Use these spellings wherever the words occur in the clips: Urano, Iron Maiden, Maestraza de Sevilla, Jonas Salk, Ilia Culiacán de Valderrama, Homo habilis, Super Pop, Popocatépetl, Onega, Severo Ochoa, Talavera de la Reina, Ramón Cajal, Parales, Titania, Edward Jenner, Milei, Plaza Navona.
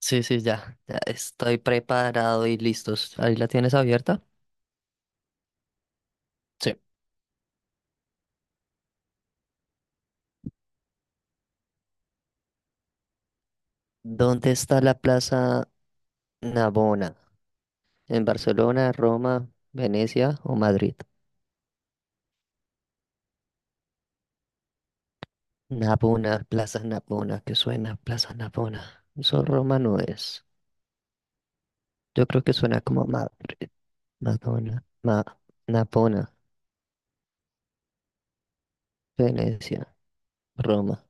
Sí, sí, ya, ya estoy preparado y listos. ¿Ahí la tienes abierta? Sí. ¿Dónde está la Plaza Navona? ¿En Barcelona, Roma, Venecia o Madrid? Navona, Plaza Navona, que suena Plaza Navona. Eso Roma no es. Yo creo que suena como Madrid, Madonna, Ma, Navona, Venecia, Roma.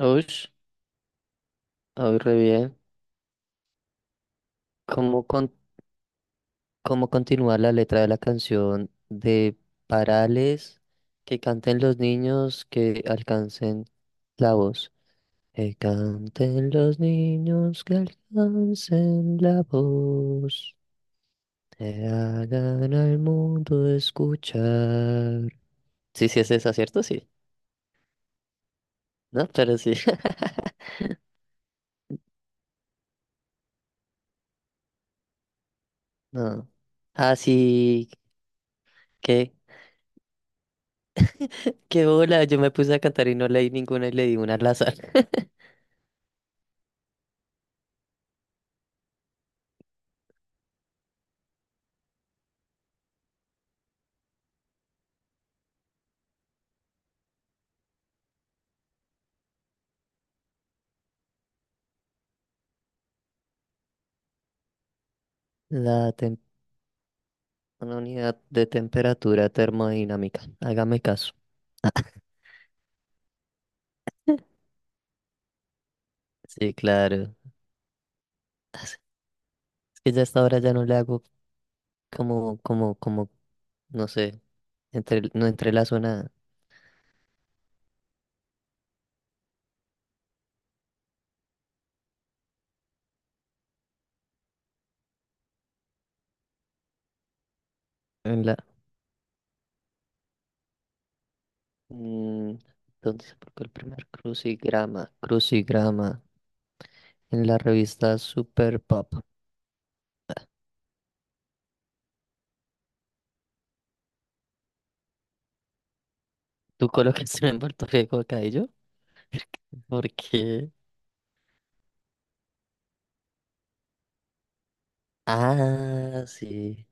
Uy, hoy re bien. ¿Cómo ¿Cómo continúa la letra de la canción de Parales? Que canten los niños que alcancen la voz. Que canten los niños que alcancen la voz. Que hagan al mundo escuchar. Sí, sí es esa, ¿cierto? Sí. No, pero sí. No. Así que, qué bola. Yo me puse a cantar y no leí ninguna y leí una al azar. La una unidad de temperatura termodinámica. Hágame caso. Sí, claro. Es que ya a esta hora ya no le hago como, no sé, entre, no entre la zona en la... mm, ¿dónde se publicó el primer crucigrama? Crucigrama en la revista Super Pop. ¿Tú colocaste un envoltorio de bocadillo? ¿Por qué? Ah, sí.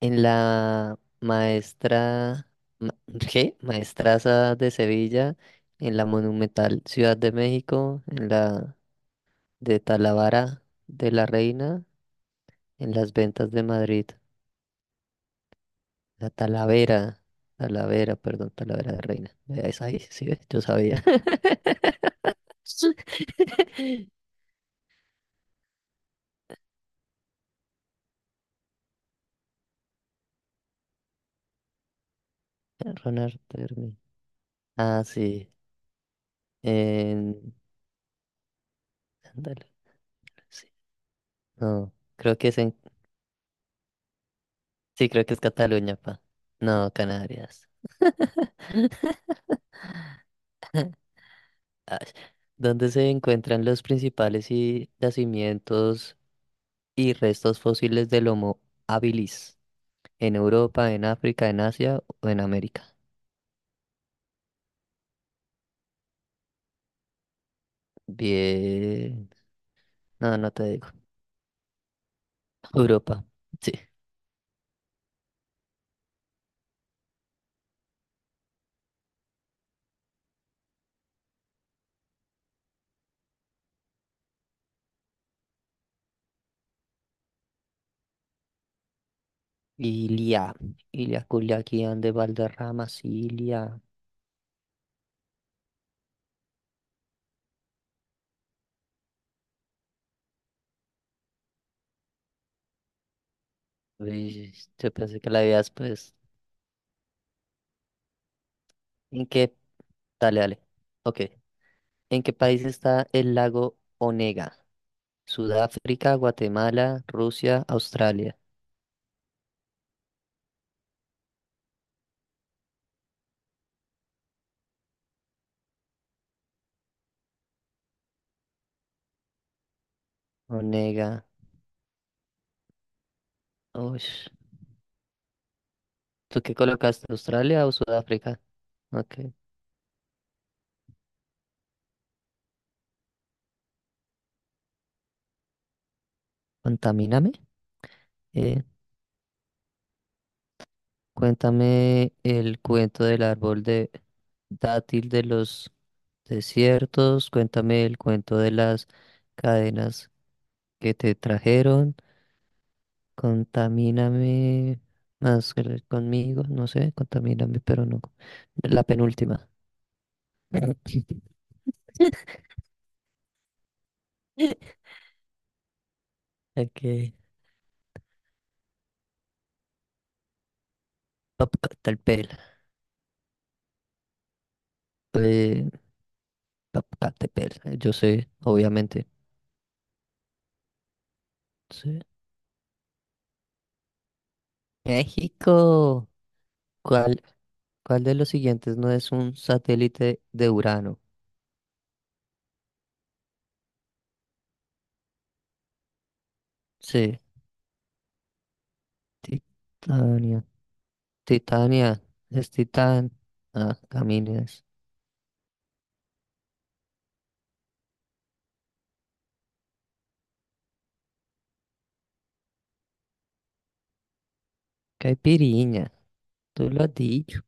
En la maestra ma- ¿qué? Maestraza de Sevilla, en la monumental Ciudad de México, en la de Talavera de la Reina, en las ventas de Madrid, la Talavera, Talavera, perdón, Talavera de Reina. Vea, esa ahí, sí, ve, yo sabía. Ronald Termi. Ah, sí. En Andalucía. No, creo que es en. Sí, creo que es Cataluña, pa. No, Canarias. Ah, ¿dónde se encuentran los principales y- yacimientos y restos fósiles del Homo habilis? ¿En Europa, en África, en Asia o en América? Bien. No, no te digo. Europa. Sí. Ilia. Ilia Culiacán de Valderrama, Ilia. Uy, yo pensé que la habías, pues. ¿En qué? Dale, dale. Ok. ¿En qué país está el lago Onega? Sudáfrica, Guatemala, Rusia, Australia. Onega. Uy, ¿tú qué colocaste? ¿Australia o Sudáfrica? Ok. Contamíname. Eh, cuéntame el cuento del árbol de dátil de los desiertos. Cuéntame el cuento de las cadenas que te trajeron. Contamíname más que conmigo. No sé, contamíname, pero no. La penúltima. Ok. Popocatépetl, eh, Popocatépetl, yo sé, obviamente. Sí. México. ¿Cuál, ¿cuál de los siguientes no es un satélite de Urano? Sí, Titania. Titania, es Titán. Ah, Camines. Caipiriña, tú lo has dicho.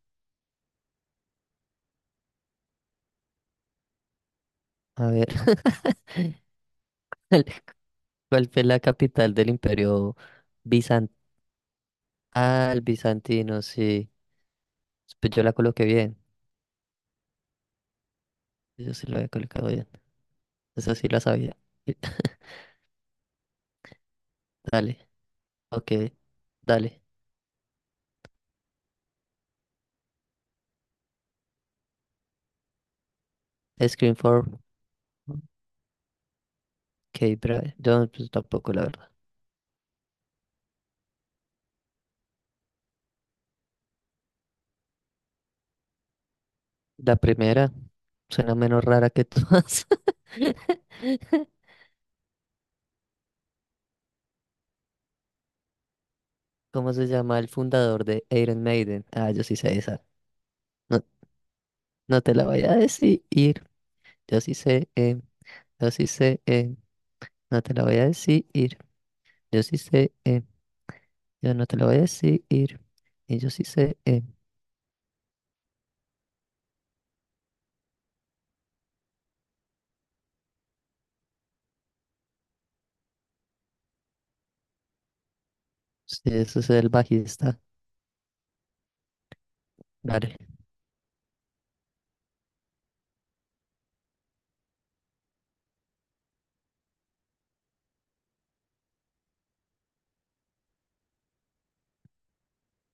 A ver, ¿cuál ¿cuál fue la capital del imperio bizantino? Ah, el bizantino, sí. Pues yo la coloqué bien. Yo sí la había colocado bien. Esa sí la sabía. Dale, ok, dale. Screen for. Ok, bra- yo pues, tampoco la verdad. La primera suena menos rara que todas. ¿Cómo se llama el fundador de Iron Maiden? Ah, yo sí sé esa. No, no te la voy a decir. Yo sí sé. eh, yo sí sé. No te la voy a decir. Yo sí sé. Yo no te la voy a decir. Y yo sí sé. Sí, eso es el bajista. Dale.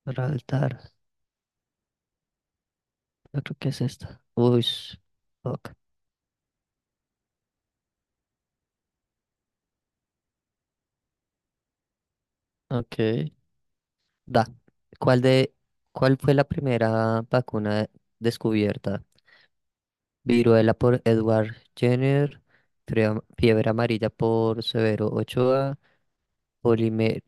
Altar. Yo creo que es esta. Uy. Fuck. Ok. Ok. Da. ¿Cuál de, ¿cuál fue la primera vacuna descubierta? Viruela por Edward Jenner, Frea- Fiebre Amarilla por Severo Ochoa, polime-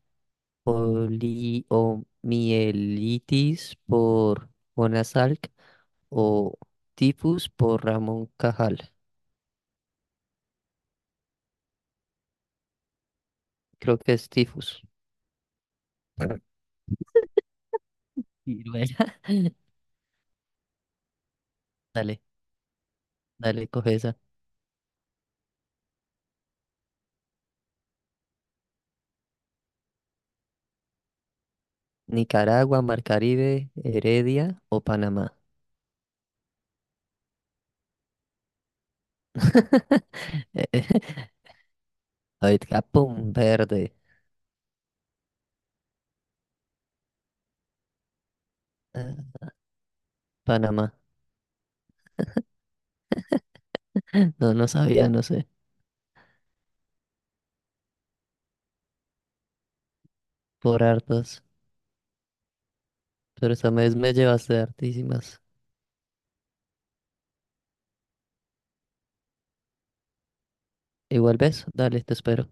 poliomielitis por Jonas Salk o tifus por Ramón Cajal. Creo que es tifus. Viruela. Dale, dale, coge esa. Nicaragua, Mar Caribe, Heredia o Panamá. Ahorita, capón verde. Ah, Panamá. No, no sabía, no sé. Por hartos. Pero esta vez me llevaste hartísimas. Igual ves, dale, te espero.